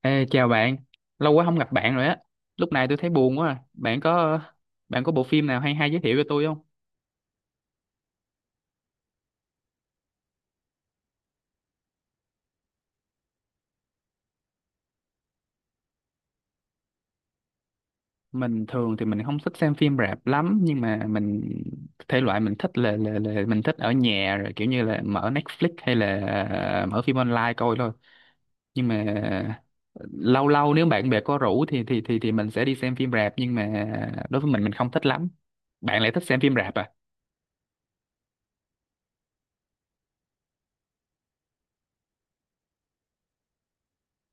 Ê, chào bạn, lâu quá không gặp bạn rồi á. Lúc này tôi thấy buồn quá à. Bạn có bộ phim nào hay hay giới thiệu cho tôi không? Mình thường thì mình không thích xem phim rạp lắm nhưng mà mình thể loại mình thích là mình thích ở nhà rồi kiểu như là mở Netflix hay là mở phim online coi thôi. Nhưng mà lâu lâu nếu bạn bè có rủ thì mình sẽ đi xem phim rạp nhưng mà đối với mình không thích lắm. Bạn lại thích xem phim rạp à?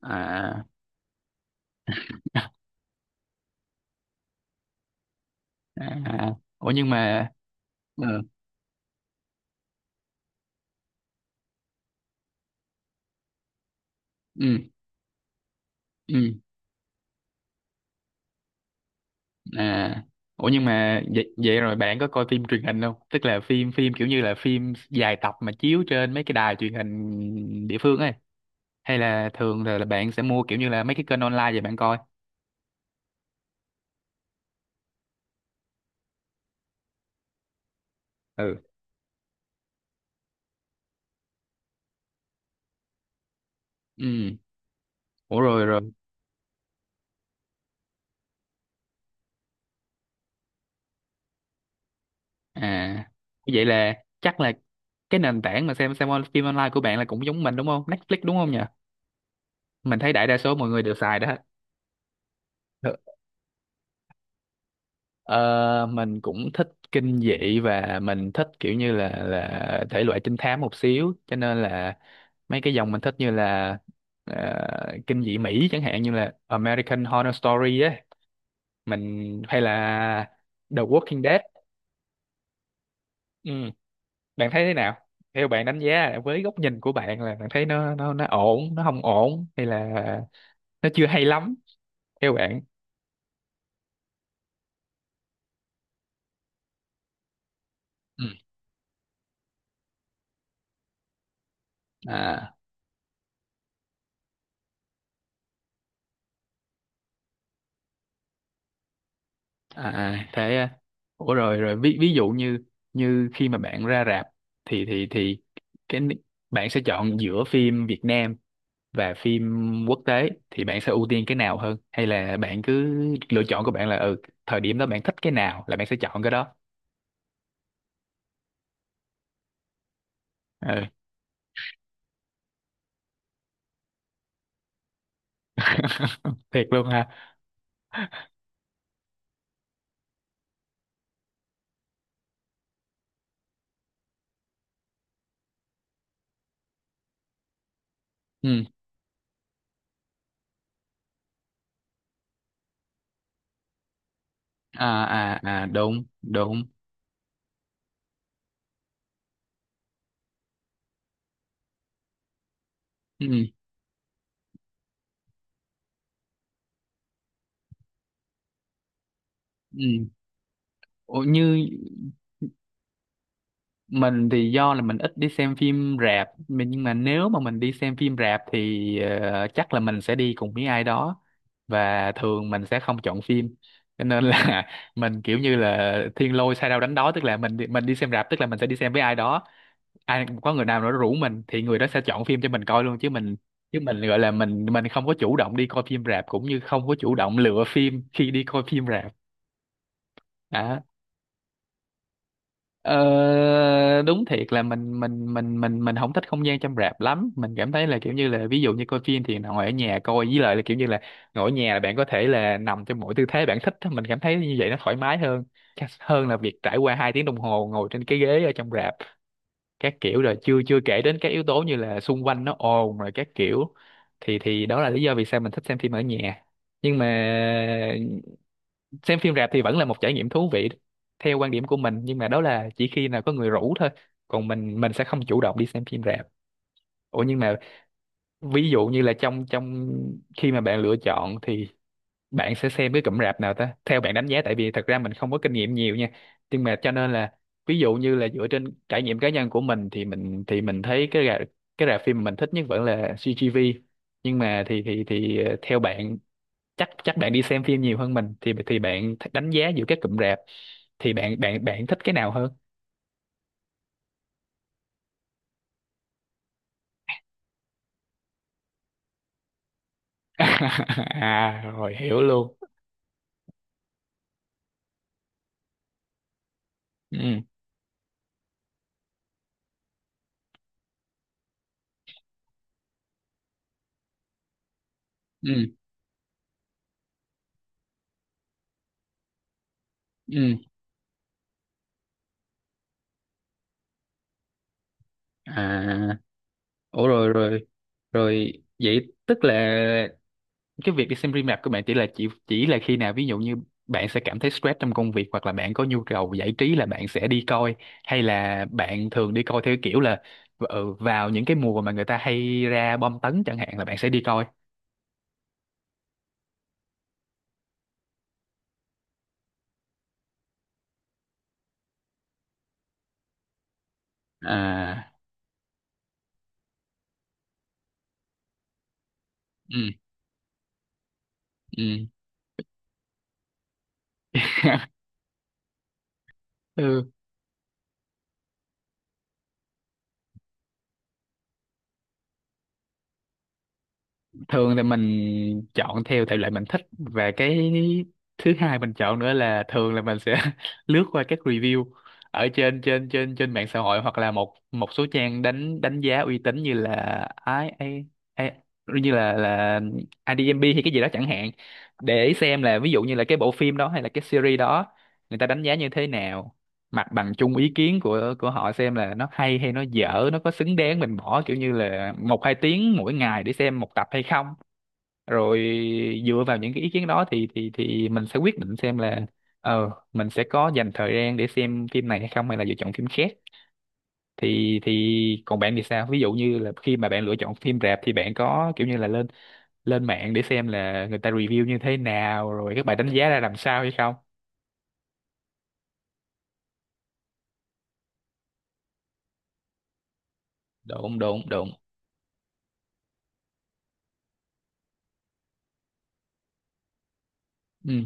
À, à, à. Ủa nhưng mà ừ, ừ, ừ, à, ủa nhưng mà vậy, vậy rồi bạn có coi phim truyền hình không, tức là phim phim kiểu như là phim dài tập mà chiếu trên mấy cái đài truyền hình địa phương ấy, hay là thường là bạn sẽ mua kiểu như là mấy cái kênh online vậy bạn coi? Ừ, ừ, ủa rồi rồi, à, vậy là chắc là cái nền tảng mà xem on- phim online của bạn là cũng giống mình đúng không, Netflix đúng không nhỉ? Mình thấy đại đa số mọi người đều xài đó. Ờ, mình cũng thích kinh dị và mình thích kiểu như là thể loại trinh thám một xíu, cho nên là mấy cái dòng mình thích như là ờ, kinh dị Mỹ chẳng hạn như là American Horror Story á, mình hay là The Walking Dead. Ừ, bạn thấy thế nào, theo bạn đánh giá với góc nhìn của bạn là bạn thấy nó nó ổn, nó không ổn hay là nó chưa hay lắm, theo bạn? Ừ. À, à, à, thế à. Ủa rồi rồi, ví ví dụ như như khi mà bạn ra rạp thì thì cái ni- bạn sẽ chọn giữa phim Việt Nam và phim quốc tế thì bạn sẽ ưu tiên cái nào hơn, hay là bạn cứ lựa chọn của bạn là ừ thời điểm đó bạn thích cái nào là bạn sẽ chọn cái đó? Ừ. Thiệt luôn ha. Ừ. À à à, đúng đúng. Ừ. Ừ. Ủa, như mình thì do là mình ít đi xem phim rạp mình- nhưng mà nếu mà mình đi xem phim rạp thì ờ, chắc là mình sẽ đi cùng với ai đó và thường mình sẽ không chọn phim, cho nên là mình kiểu như là thiên lôi sai đâu đánh đó, tức là mình đi xem rạp tức là mình sẽ đi xem với ai đó, ai có người nào đó rủ mình thì người đó sẽ chọn phim cho mình coi luôn chứ mình gọi là mình không có chủ động đi coi phim rạp cũng như không có chủ động lựa phim khi đi coi phim rạp. Đó. Ờ, đúng thiệt là mình không thích không gian trong rạp lắm, mình cảm thấy là kiểu như là ví dụ như coi phim thì ngồi ở nhà coi, với lại là kiểu như là ngồi ở nhà là bạn có thể là nằm trong mọi tư thế bạn thích á. Mình cảm thấy như vậy nó thoải mái hơn, hơn là việc trải qua hai tiếng đồng hồ ngồi trên cái ghế ở trong rạp các kiểu, rồi chưa chưa kể đến các yếu tố như là xung quanh nó ồn rồi các kiểu, thì đó là lý do vì sao mình thích xem phim ở nhà. Nhưng mà xem phim rạp thì vẫn là một trải nghiệm thú vị theo quan điểm của mình, nhưng mà đó là chỉ khi nào có người rủ thôi, còn mình sẽ không chủ động đi xem phim rạp. Ủa nhưng mà ví dụ như là trong trong khi mà bạn lựa chọn thì bạn sẽ xem cái cụm rạp nào ta, theo bạn đánh giá, tại vì thật ra mình không có kinh nghiệm nhiều nha nhưng mà cho nên là ví dụ như là dựa trên trải nghiệm cá nhân của mình thì mình thấy cái rạp, cái rạp phim mình thích nhất vẫn là CGV, nhưng mà thì ờ, theo bạn, chắc chắc bạn đi xem phim nhiều hơn mình thì bạn th- đánh giá giữa các cụm rạp thì bạn bạn bạn thích cái nào hơn? À rồi, hiểu luôn. Ừ, ừ, ừ, à, ủa rồi rồi rồi vậy, tức là cái việc đi xem phim rạp của bạn chỉ là khi nào ví dụ như bạn sẽ cảm thấy stress trong công việc hoặc là bạn có nhu cầu giải trí là bạn sẽ đi coi, hay là bạn thường đi coi theo kiểu là ừ, vào những cái mùa mà người ta hay ra bom tấn chẳng hạn là bạn sẽ đi coi? À, ừ, ừ. Ừ. Thường thì mình chọn theo thể loại mình thích, và cái thứ hai mình chọn nữa là thường là mình sẽ lướt qua các review ở trên trên trên trên mạng xã hội hoặc là một một số trang đánh đánh giá uy tín như là ai ai ai như là IDMB hay cái gì đó chẳng hạn, để xem là ví dụ như là cái bộ phim đó hay là cái series đó người ta đánh giá như thế nào, mặt bằng chung ý kiến của họ xem là nó hay hay nó dở, nó có xứng đáng mình bỏ kiểu như là một hai tiếng mỗi ngày để xem một tập hay không, rồi dựa vào những cái ý kiến đó thì thì mình sẽ quyết định xem là ờ mình sẽ có dành thời gian để xem phim này hay không hay là lựa chọn phim khác. Thì còn bạn thì sao, ví dụ như là khi mà bạn lựa chọn phim rạp thì bạn có kiểu như là lên lên mạng để xem là người ta review như thế nào rồi các bài đánh giá ra làm sao hay không? Đúng đúng đúng. ừ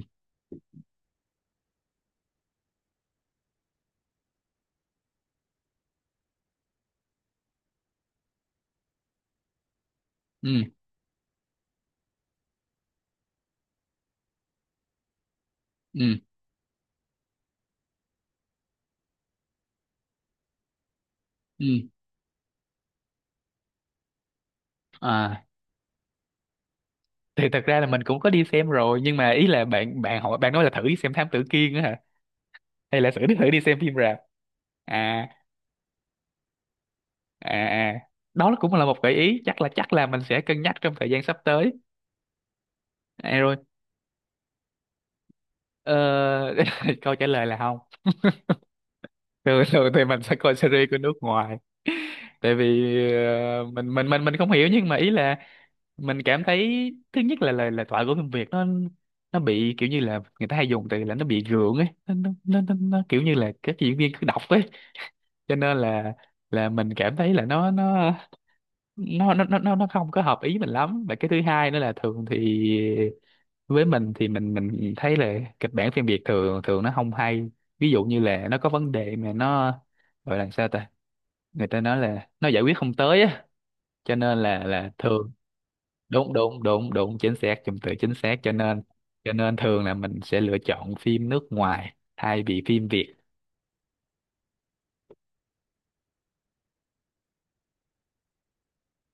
ừ ừ ừ, à, thì thật ra là mình cũng có đi xem rồi nhưng mà ý là bạn bạn hỏi, bạn nói là thử đi xem Thám Tử Kiên á hả, hay là thử thử đi xem phim rạp? À à à, đó là cũng là một gợi ý, chắc là mình sẽ cân nhắc trong thời gian sắp tới. À, rồi. Ờ, câu trả lời là không, thường thường thì mình sẽ coi series của nước ngoài. Tại vì ờ, mình không hiểu nhưng mà ý là mình cảm thấy thứ nhất là lời lời thoại của phim Việt nó bị kiểu như là người ta hay dùng từ là nó bị gượng ấy, nó kiểu như là các diễn viên cứ đọc ấy, cho nên là mình cảm thấy là nó không có hợp ý mình lắm, và cái thứ hai nữa là thường thì với mình thì mình thấy là kịch bản phim Việt thường thường nó không hay, ví dụ như là nó có vấn đề mà nó gọi là sao ta, người ta nói là nó giải quyết không tới á, cho nên là thường. Đúng đúng đúng đúng, chính xác, dùng từ chính xác, cho nên thường là mình sẽ lựa chọn phim nước ngoài thay vì phim Việt.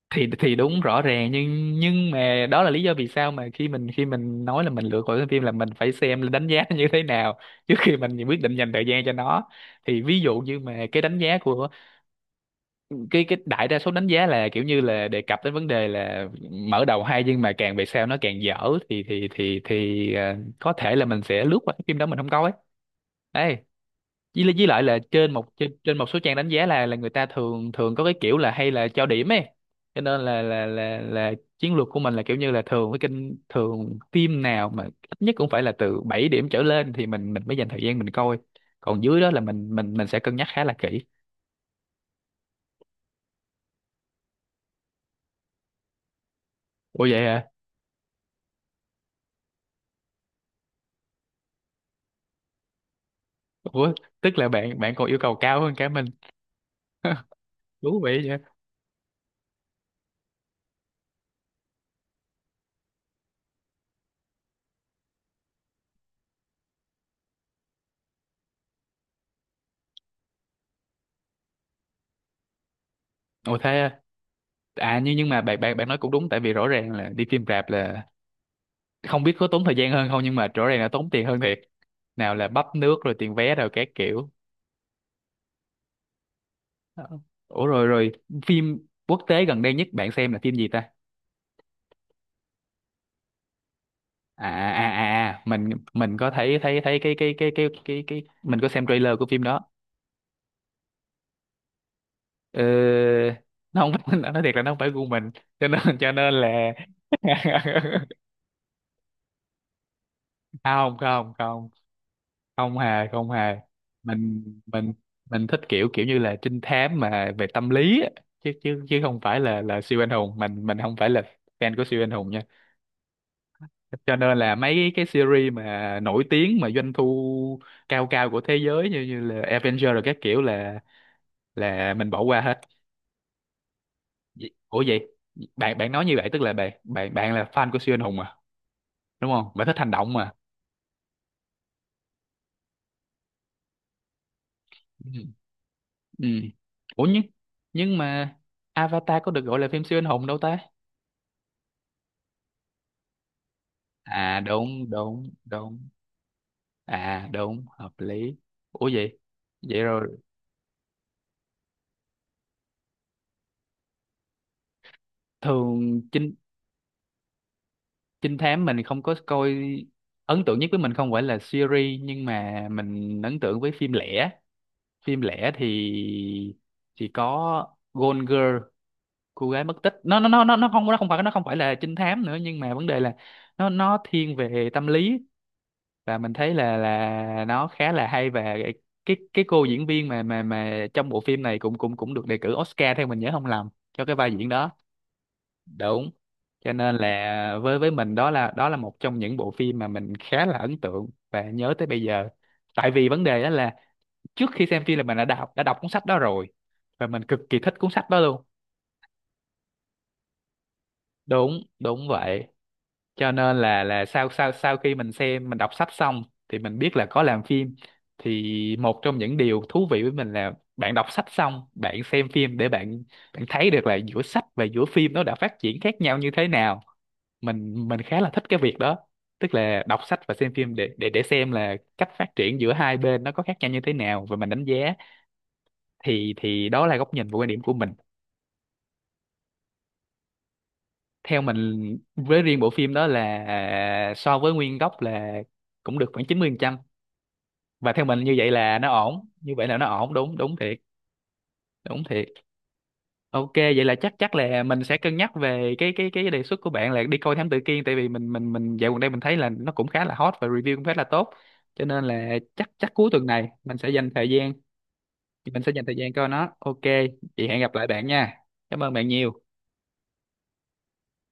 Thì đúng, rõ ràng, nhưng mà đó là lý do vì sao mà khi mình nói là mình lựa khỏi cái phim là mình phải xem đánh giá nó như thế nào trước khi mình quyết định dành thời gian cho nó. Thì ví dụ như mà cái đánh giá của cái đại đa số đánh giá là kiểu như là đề cập đến vấn đề là mở đầu hay nhưng mà càng về sau nó càng dở, thì thì ờ, có thể là mình sẽ lướt qua cái phim đó mình không coi ấy. Với lại là trên một trên, trên một số trang đánh giá là người ta thường thường có cái kiểu là hay là cho điểm ấy, cho nên là chiến lược của mình là kiểu như là thường với kênh, thường phim nào mà ít nhất cũng phải là từ 7 điểm trở lên thì mình mới dành thời gian mình coi, còn dưới đó là mình mình sẽ cân nhắc khá là kỹ. Ủa vậy à? Ủa tức là bạn bạn còn yêu cầu cao hơn cả mình thú vị vậy? Ủa thế à. À, nhưng mà bạn bạn bạn nói cũng đúng, tại vì rõ ràng là đi phim rạp là không biết có tốn thời gian hơn không nhưng mà rõ ràng là tốn tiền hơn thiệt. Nào là bắp nước rồi tiền vé rồi các kiểu. Ờ. Ủa, rồi rồi phim quốc tế gần đây nhất bạn xem là phim gì ta? À à à à, mình có thấy thấy thấy cái mình có xem trailer của phim đó. ờ, nó không phải, nói thiệt là nó không phải gu mình, cho nên là không không không, không hề không hề. Mình mình mình thích kiểu kiểu như là trinh thám mà về tâm lý á. Chứ chứ chứ không phải là siêu anh hùng, mình không phải là fan của siêu anh hùng nha. Cho nên là mấy cái series mà nổi tiếng mà doanh thu cao cao của thế giới như như là Avenger rồi các kiểu là mình bỏ qua hết. Ủa vậy bạn bạn nói như vậy tức là bạn bạn bạn là fan của siêu anh hùng mà, đúng không? Bạn thích hành động mà. Ừ. Ừ. Ủa nhưng mà Avatar có được gọi là phim siêu anh hùng đâu ta. À đúng đúng đúng, à đúng, hợp lý. Ủa vậy, vậy rồi. Thường trinh trinh thám mình không có coi. Ấn tượng nhất với mình không phải là series, nhưng mà mình ấn tượng với phim lẻ. Phim lẻ thì có Gone Girl, cô gái mất tích. Nó không, nó không phải, nó không phải là trinh thám nữa, nhưng mà vấn đề là nó thiên về tâm lý và mình thấy là nó khá là hay. Và cái cô diễn viên mà mà trong bộ phim này cũng cũng cũng được đề cử Oscar, theo mình nhớ không lầm, cho cái vai diễn đó. Đúng. Cho nên là với mình đó là, đó là một trong những bộ phim mà mình khá là ấn tượng và nhớ tới bây giờ. Tại vì vấn đề đó là trước khi xem phim là mình đã đọc, đã đọc cuốn sách đó rồi, và mình cực kỳ thích cuốn sách đó luôn. Đúng đúng vậy. Cho nên là sau sau sau khi mình xem, mình đọc sách xong thì mình biết là có làm phim. Thì một trong những điều thú vị với mình là bạn đọc sách xong, bạn xem phim để bạn bạn thấy được là giữa sách và giữa phim nó đã phát triển khác nhau như thế nào. Mình khá là thích cái việc đó. Tức là đọc sách và xem phim để xem là cách phát triển giữa hai bên nó có khác nhau như thế nào, và mình đánh giá. Thì đó là góc nhìn và quan điểm của mình. Theo mình, với riêng bộ phim đó là, so với nguyên gốc là cũng được khoảng 90%. Và theo mình như vậy là nó ổn, như vậy là nó ổn, đúng, đúng thiệt. Đúng thiệt. Ok, vậy là chắc chắc là mình sẽ cân nhắc về cái đề xuất của bạn là đi coi Thám Tử Kiên, tại vì mình dạo gần đây mình thấy là nó cũng khá là hot và review cũng khá là tốt. Cho nên là chắc chắc cuối tuần này mình sẽ dành thời gian, mình sẽ dành thời gian coi nó. Ok, vậy hẹn gặp lại bạn nha. Cảm ơn bạn nhiều.